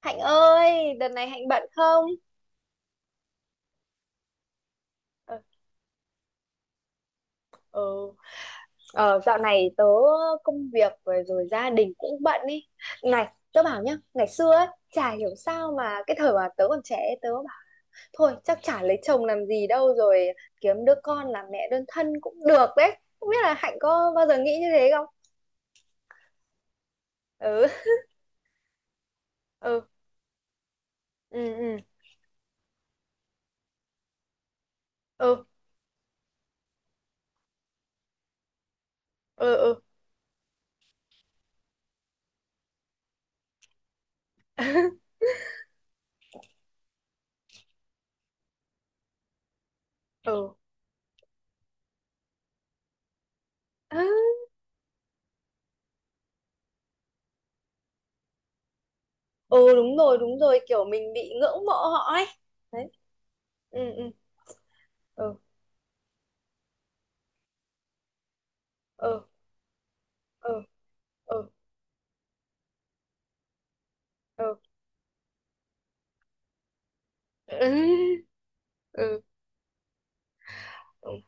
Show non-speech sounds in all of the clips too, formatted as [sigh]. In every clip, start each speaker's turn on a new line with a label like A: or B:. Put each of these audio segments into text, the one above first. A: Hạnh ơi, đợt này Hạnh bận không? Ờ, ờ, ờ, dạo này tớ công việc rồi gia đình cũng bận ý. Này, tớ bảo nhá, ngày xưa ấy, chả hiểu sao mà cái thời mà tớ còn trẻ ấy, tớ bảo thôi chắc chả lấy chồng làm gì đâu, rồi kiếm đứa con làm mẹ đơn thân cũng được đấy. Không biết là Hạnh có bao giờ nghĩ như thế không? Ừ, ừ, ừ, ừ, ừ, ừ, ừ. [laughs] Ừ. À, ừ, đúng rồi, kiểu mình bị ngưỡng mộ họ ấy. Đấy. Ừ, ừ, ừ, ừ, ừ. Ừ. Ừ, ừ, ừ, ừ,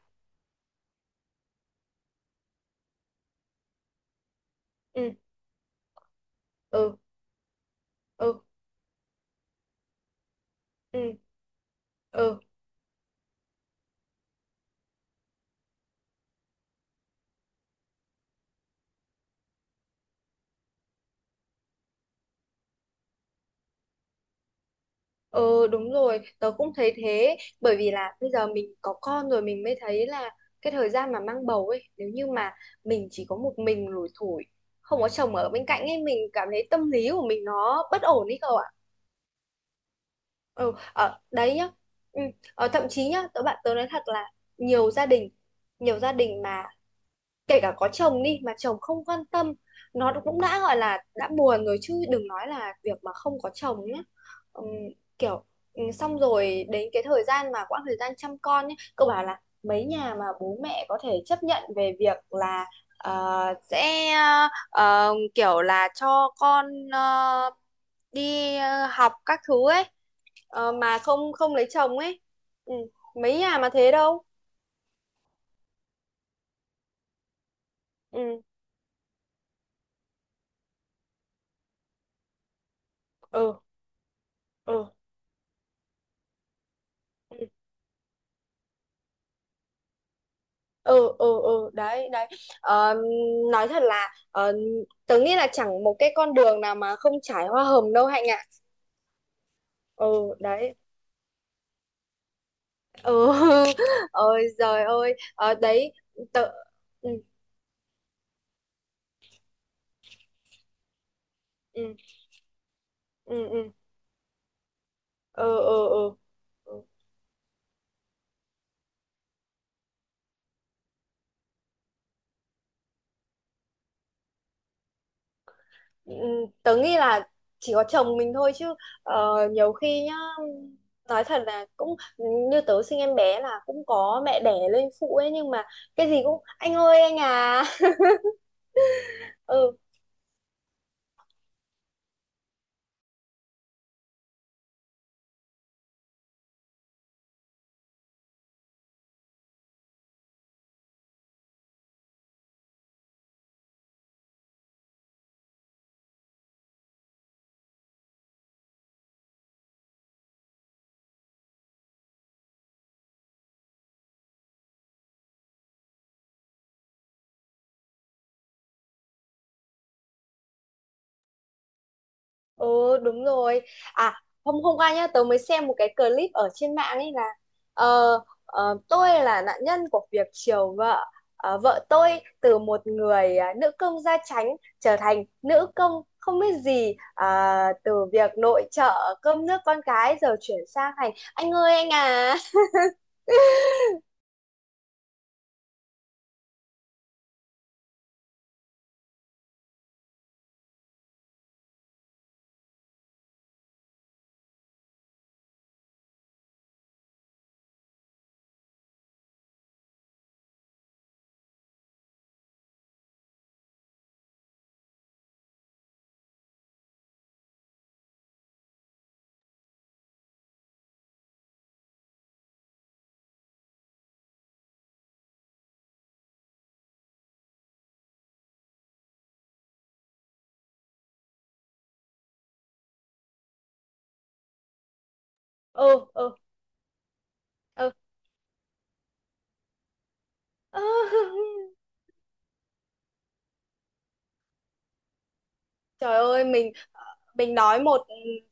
A: ừ, ừ, ừ, ừ, ừ, ừ, đúng rồi, tớ cũng thấy thế. Bởi vì là bây giờ mình có con rồi mình mới thấy là cái thời gian mà mang bầu ấy, nếu như mà mình chỉ có một mình lủi thủi không có chồng ở bên cạnh ấy, mình cảm thấy tâm lý của mình nó bất ổn ấy cậu ạ. Ừ, ở đấy nhá. Ừ. Thậm chí nhá, tớ bạn tớ nói thật là nhiều gia đình, nhiều gia đình kể cả có chồng đi mà chồng không quan tâm, nó cũng đã gọi là đã buồn rồi chứ đừng nói là việc mà không có chồng nhá. Ừm, kiểu ừ, xong rồi đến cái thời gian mà quãng thời gian chăm con nhé, cậu bảo là mấy nhà mà bố mẹ có thể chấp nhận về việc là ờ, sẽ kiểu là cho con ờ, đi học các thứ ấy, mà không không lấy chồng ấy. Ừ. Mấy nhà mà thế đâu. Ừ, ừ, ừ, ừ, ừ, ừ, đấy đấy. Ờ, nói thật là tớ nghĩ là chẳng một cái con đường nào mà không trải hoa hồng đâu Hạnh ạ. Ừ, đấy. Ừ. [laughs] Ôi giời ơi. Ờ, đấy. Tớ ừ, ừ, ừ, ừ, ừ, ừ, ừ. Ừ. Ừ, tớ nghĩ là chỉ có chồng mình thôi chứ. Nhiều khi nhá nói thật là cũng như tớ sinh em bé là cũng có mẹ đẻ lên phụ ấy, nhưng mà cái gì cũng anh ơi anh à. [laughs] Ừ. Ừ, đúng rồi. À, hôm hôm qua nhá tớ mới xem một cái clip ở trên mạng ấy là ờ, tôi là nạn nhân của việc chiều vợ. Ờ, vợ tôi từ một người nữ công gia chánh trở thành nữ công không biết gì, từ việc nội trợ cơm nước con cái giờ chuyển sang thành anh ơi anh à. Ừ, ừ, ừ. [laughs] Trời ơi mình. Mình nói một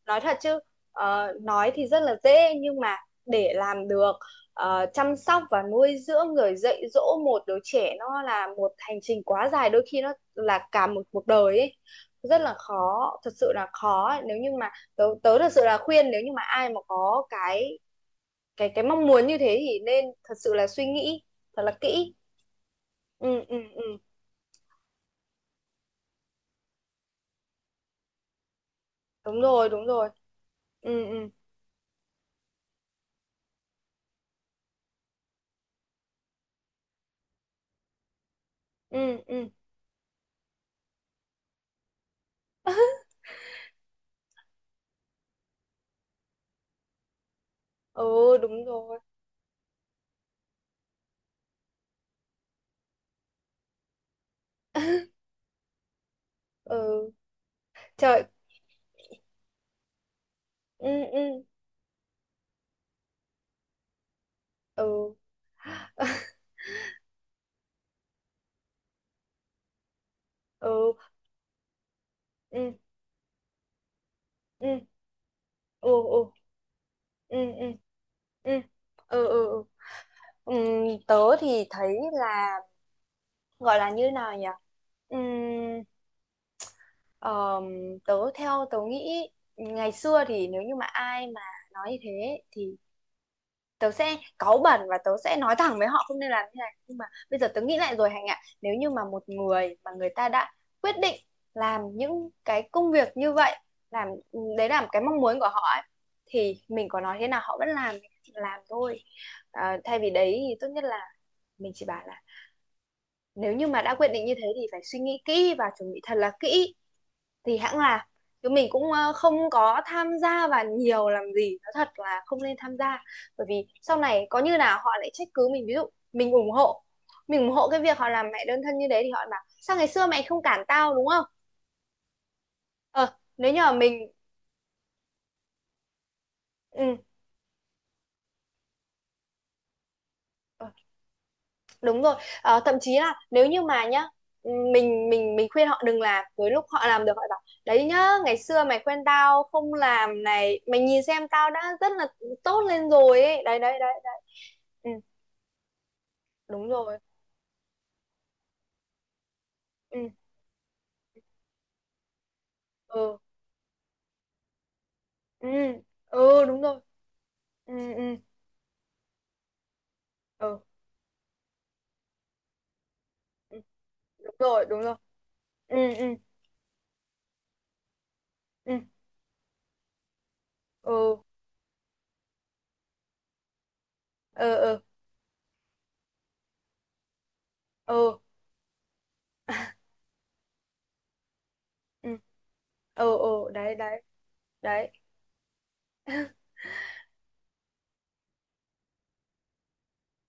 A: nói thật chứ, nói thì rất là dễ nhưng mà để làm được, chăm sóc và nuôi dưỡng rồi dạy dỗ một đứa trẻ nó là một hành trình quá dài, đôi khi nó là cả một cuộc đời ấy. Rất là khó, thật sự là khó ấy. Nếu như mà tớ thật sự là khuyên nếu như mà ai mà có cái cái mong muốn như thế thì nên thật sự là suy nghĩ thật là kỹ. Ừ, ừ, ừ, đúng rồi, đúng rồi. Ừ, ừ, ừ, ừ, ừ, đúng rồi. [laughs] Ừ. Trời ừ, ừ, ừ, ừ, ừ, ừ, ừ, ừ, ừ, ừ, ừ, ừ, ừ, ừ. Tớ thì thấy là gọi là như nào nhỉ. Ừm, ờm, tớ theo tớ nghĩ ngày xưa thì nếu như mà ai mà nói như thế thì tớ sẽ cáu bẩn và tớ sẽ nói thẳng với họ không nên làm như này. Nhưng mà bây giờ tớ nghĩ lại rồi Hạnh ạ, nếu như mà một người mà người ta đã quyết định làm những cái công việc như vậy làm, đấy là cái mong muốn của họ ấy, thì mình có nói thế nào họ vẫn làm thôi. À, thay vì đấy thì tốt nhất là mình chỉ bảo là nếu như mà đã quyết định như thế thì phải suy nghĩ kỹ và chuẩn bị thật là kỹ thì hãng làm. Chứ mình cũng không có tham gia vào nhiều làm gì, nó thật là không nên tham gia. Bởi vì sau này có như nào họ lại trách cứ mình, ví dụ mình ủng hộ mình ủng hộ cái việc họ làm mẹ đơn thân như đấy thì họ bảo sao ngày xưa mày không cản tao, đúng không. Ờ, nếu như mà mình ừ, ờ, đúng rồi. Ờ, thậm chí là nếu như mà nhá, ừ, mình khuyên họ đừng làm tới lúc họ làm được họ bảo đấy nhá, ngày xưa mày khuyên tao không làm này mày nhìn xem tao đã rất là tốt lên rồi ấy. Đấy đấy đấy. Ừ, đúng rồi. Ừ, ừ, ừ, ừ, đúng rồi. Ừ, ừ, ừ, ừ, đúng rồi, đúng rồi. Ừ, ừ, ừ, ừ, ừ, ừ, ừ, ừ, ừ, ừ đấy đấy đấy.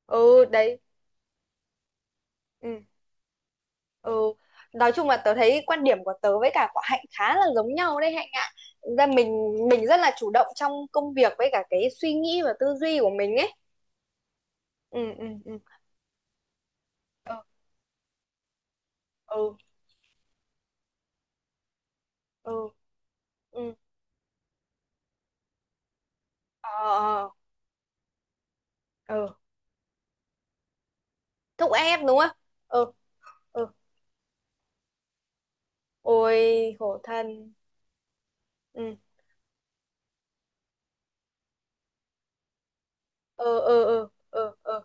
A: Ừ, đấy. Ừ, ừ. Nói chung là tớ thấy quan điểm của tớ với cả của Hạnh khá là giống nhau đấy Hạnh ạ. Thực ra mình rất là chủ động trong công việc với cả cái suy nghĩ và tư duy của mình ấy. Ừ, ừ, ừ, ừ, ừ, ừ, ừ. Ờ, ờ. Ừ, thúc ép đúng không. Ừ, ừ. Ôi khổ thân. Ừ, ờ, ờ, ờ, ờ, ờ,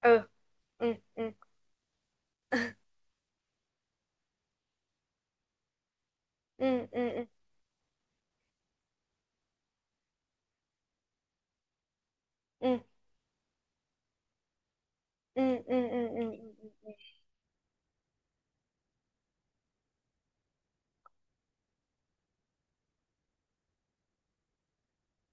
A: ờ. Ừ, ừ, ừ, ừ, ừ, ừ, ừ, ừ, ừ, ừ, ừ, ừ.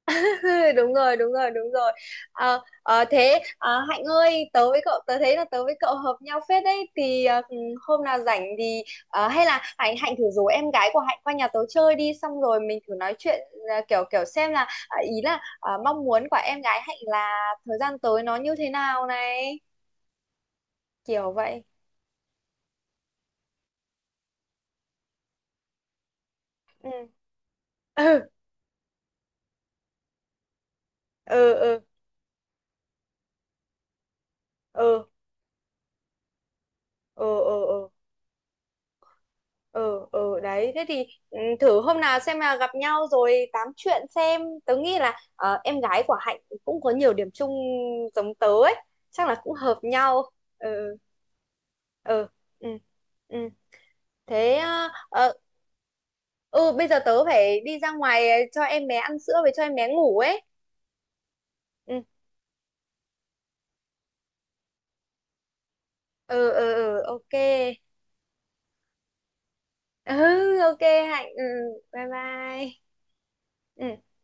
A: [laughs] Đúng rồi, đúng rồi, đúng rồi. Ờ, ờ, thế Hạnh ơi, tớ với cậu tớ thấy là tớ với cậu hợp nhau phết đấy thì ờ, ừ, hôm nào rảnh thì hay là Hạnh Hạnh thử rủ em gái của Hạnh qua nhà tớ chơi đi xong rồi mình thử nói chuyện, kiểu kiểu xem là ý là mong muốn của em gái Hạnh là thời gian tới nó như thế nào này, kiểu vậy. Ừ. [laughs] Ừ, ừ, ừ, ừ, ừ, ừ, ừ, ừ, ừ, đấy. Thế thì ừ, thử hôm nào xem là gặp nhau rồi tám chuyện xem, tớ nghĩ là em gái của Hạnh cũng có nhiều điểm chung giống tớ ấy, chắc là cũng hợp nhau. Ừ, ừ, ừ, ừ. Thế ờ, ờ, ừ, bây giờ tớ phải đi ra ngoài cho em bé ăn sữa với cho em bé ngủ ấy. Ừ, ừ, ừ, ừ, ok. Ừ, ok Hạnh. Ừ, bye bye. Ừ.